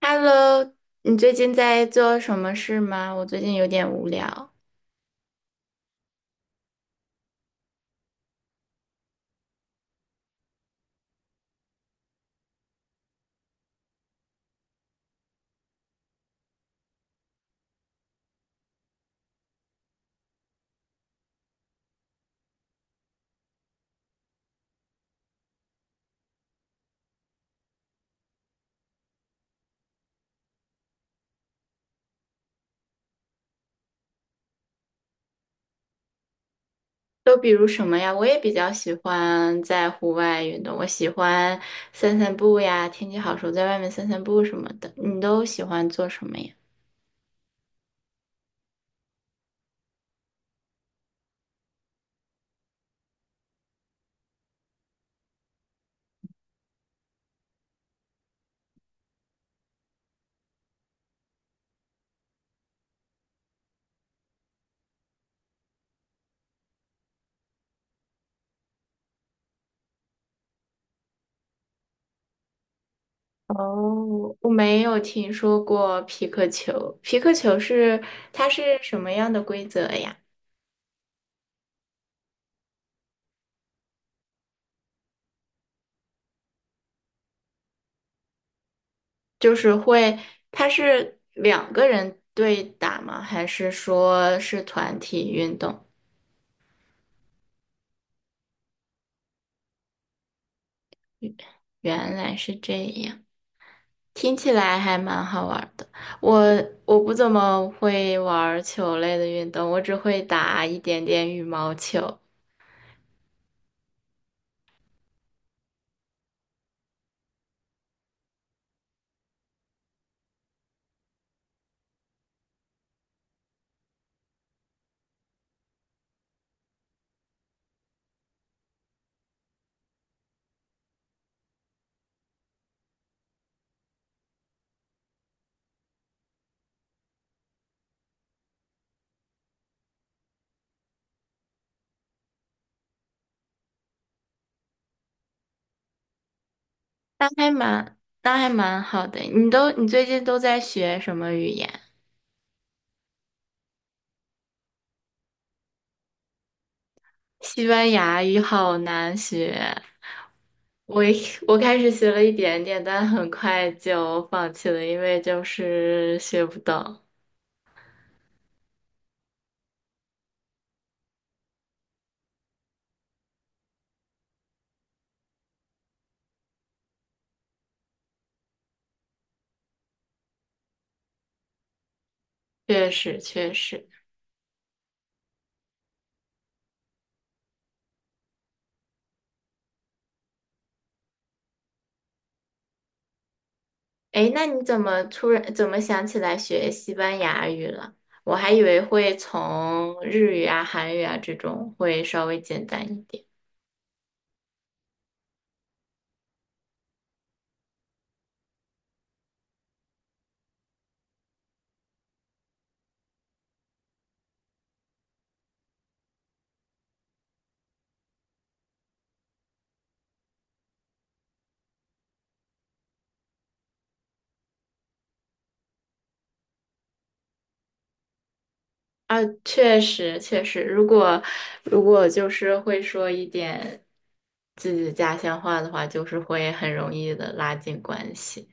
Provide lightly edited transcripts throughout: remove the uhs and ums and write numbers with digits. Hello,你最近在做什么事吗？我最近有点无聊。都比如什么呀？我也比较喜欢在户外运动，我喜欢散散步呀，天气好时候在外面散散步什么的。你都喜欢做什么呀？哦，我没有听说过皮克球。皮克球是，它是什么样的规则呀？就是会，它是两个人对打吗？还是说是团体运动？原来是这样。听起来还蛮好玩的。我我不怎么会玩球类的运动，我只会打一点点羽毛球。那还蛮好的。你最近都在学什么语言？西班牙语好难学，我一我开始学了一点点，但很快就放弃了，因为就是学不懂。确实确实。诶，那你怎么想起来学西班牙语了？我还以为会从日语啊、韩语啊这种会稍微简单一点。啊，确实确实，如果就是会说一点自己家乡话的话，就是会很容易的拉近关系。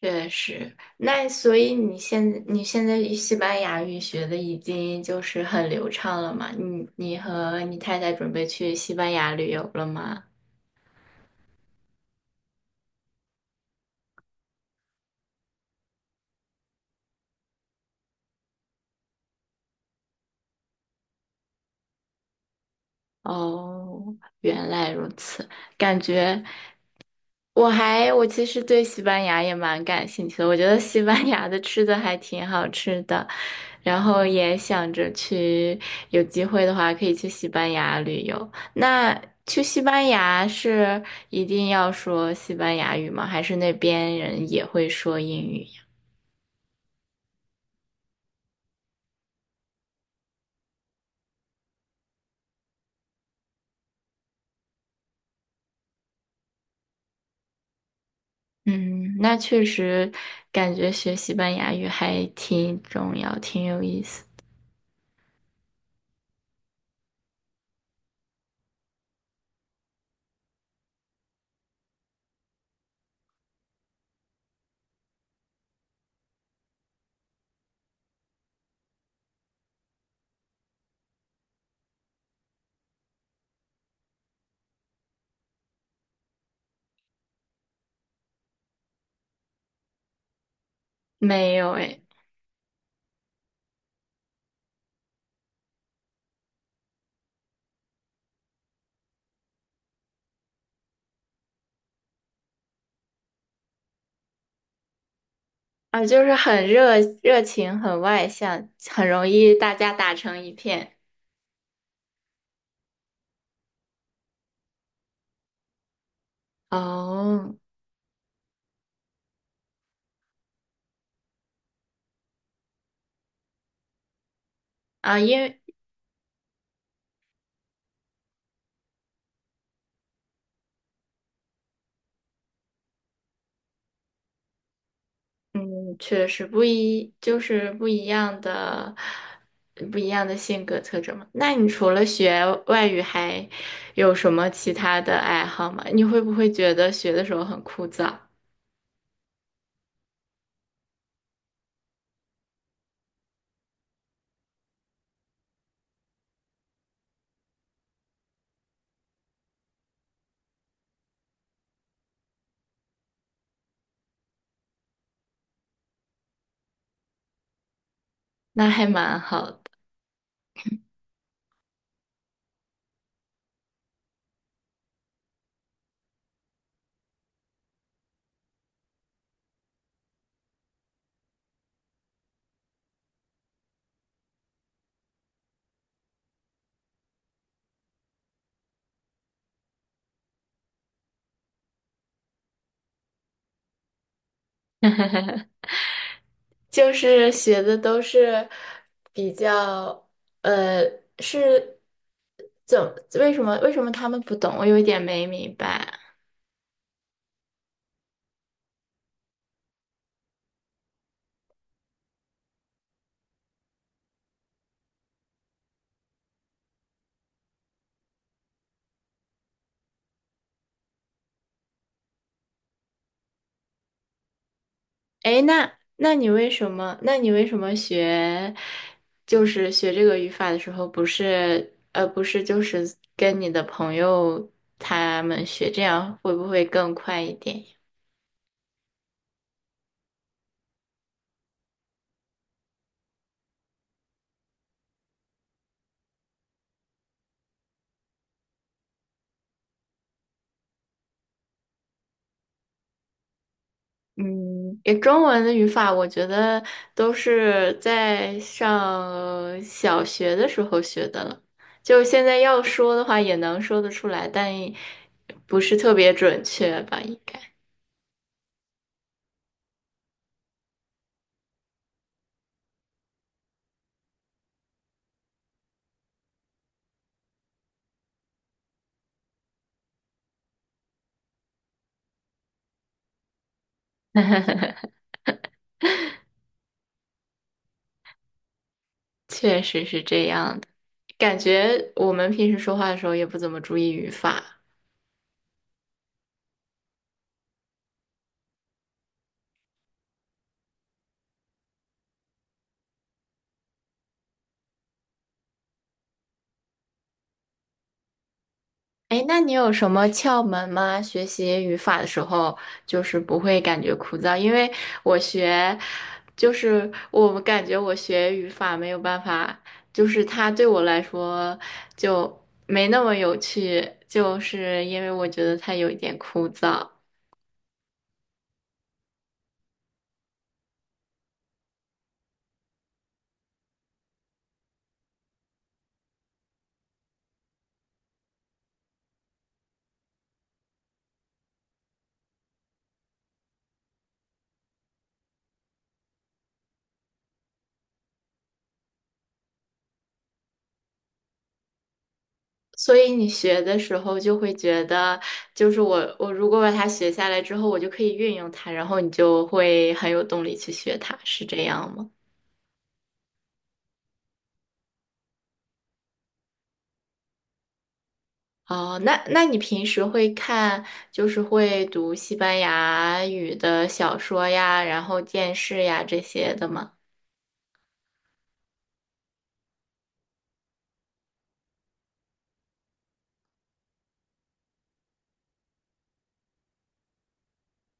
确实，那所以你现在西班牙语学的已经就是很流畅了嘛？你你和你太太准备去西班牙旅游了吗？哦，原来如此。感觉我其实对西班牙也蛮感兴趣的，我觉得西班牙的吃的还挺好吃的，然后也想着去，有机会的话可以去西班牙旅游。那去西班牙是一定要说西班牙语吗？还是那边人也会说英语呀？嗯，那确实感觉学西班牙语还挺重要，挺有意思。没有诶。啊，就是很热情，很外向，很容易大家打成一片。哦，啊，因为嗯，确实不一，就是不一样的，不一样的性格特征嘛。那你除了学外语，还有什么其他的爱好吗？你会不会觉得学的时候很枯燥？那还蛮好的。就是学的都是比较，呃，是怎么为什么他们不懂？我有一点没明白。哎，那那你为什么学就是学这个语法的时候，不是就是跟你的朋友他们学，这样会不会更快一点呀？嗯，也中文的语法，我觉得都是在上小学的时候学的了。就现在要说的话，也能说得出来，但不是特别准确吧？应该确实是这样的。感觉我们平时说话的时候也不怎么注意语法。哎，那你有什么窍门吗？学习语法的时候，就是不会感觉枯燥，因为我学，就是我感觉我学语法没有办法，就是它对我来说就没那么有趣，就是因为我觉得它有一点枯燥，所以你学的时候就会觉得，就是我如果把它学下来之后，我就可以运用它，然后你就会很有动力去学它，是这样吗？哦，那那你平时会看，就是会读西班牙语的小说呀，然后电视呀这些的吗？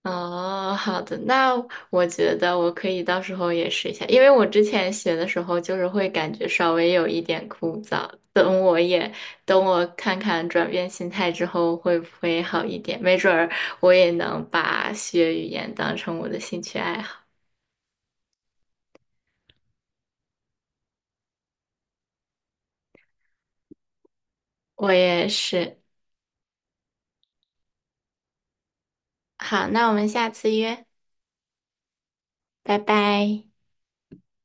哦，好的，那我觉得我可以到时候也试一下，因为我之前学的时候就是会感觉稍微有一点枯燥，等我看看转变心态之后会不会好一点，没准儿我也能把学语言当成我的兴趣爱好。我也是，好，那我们下次约，拜拜。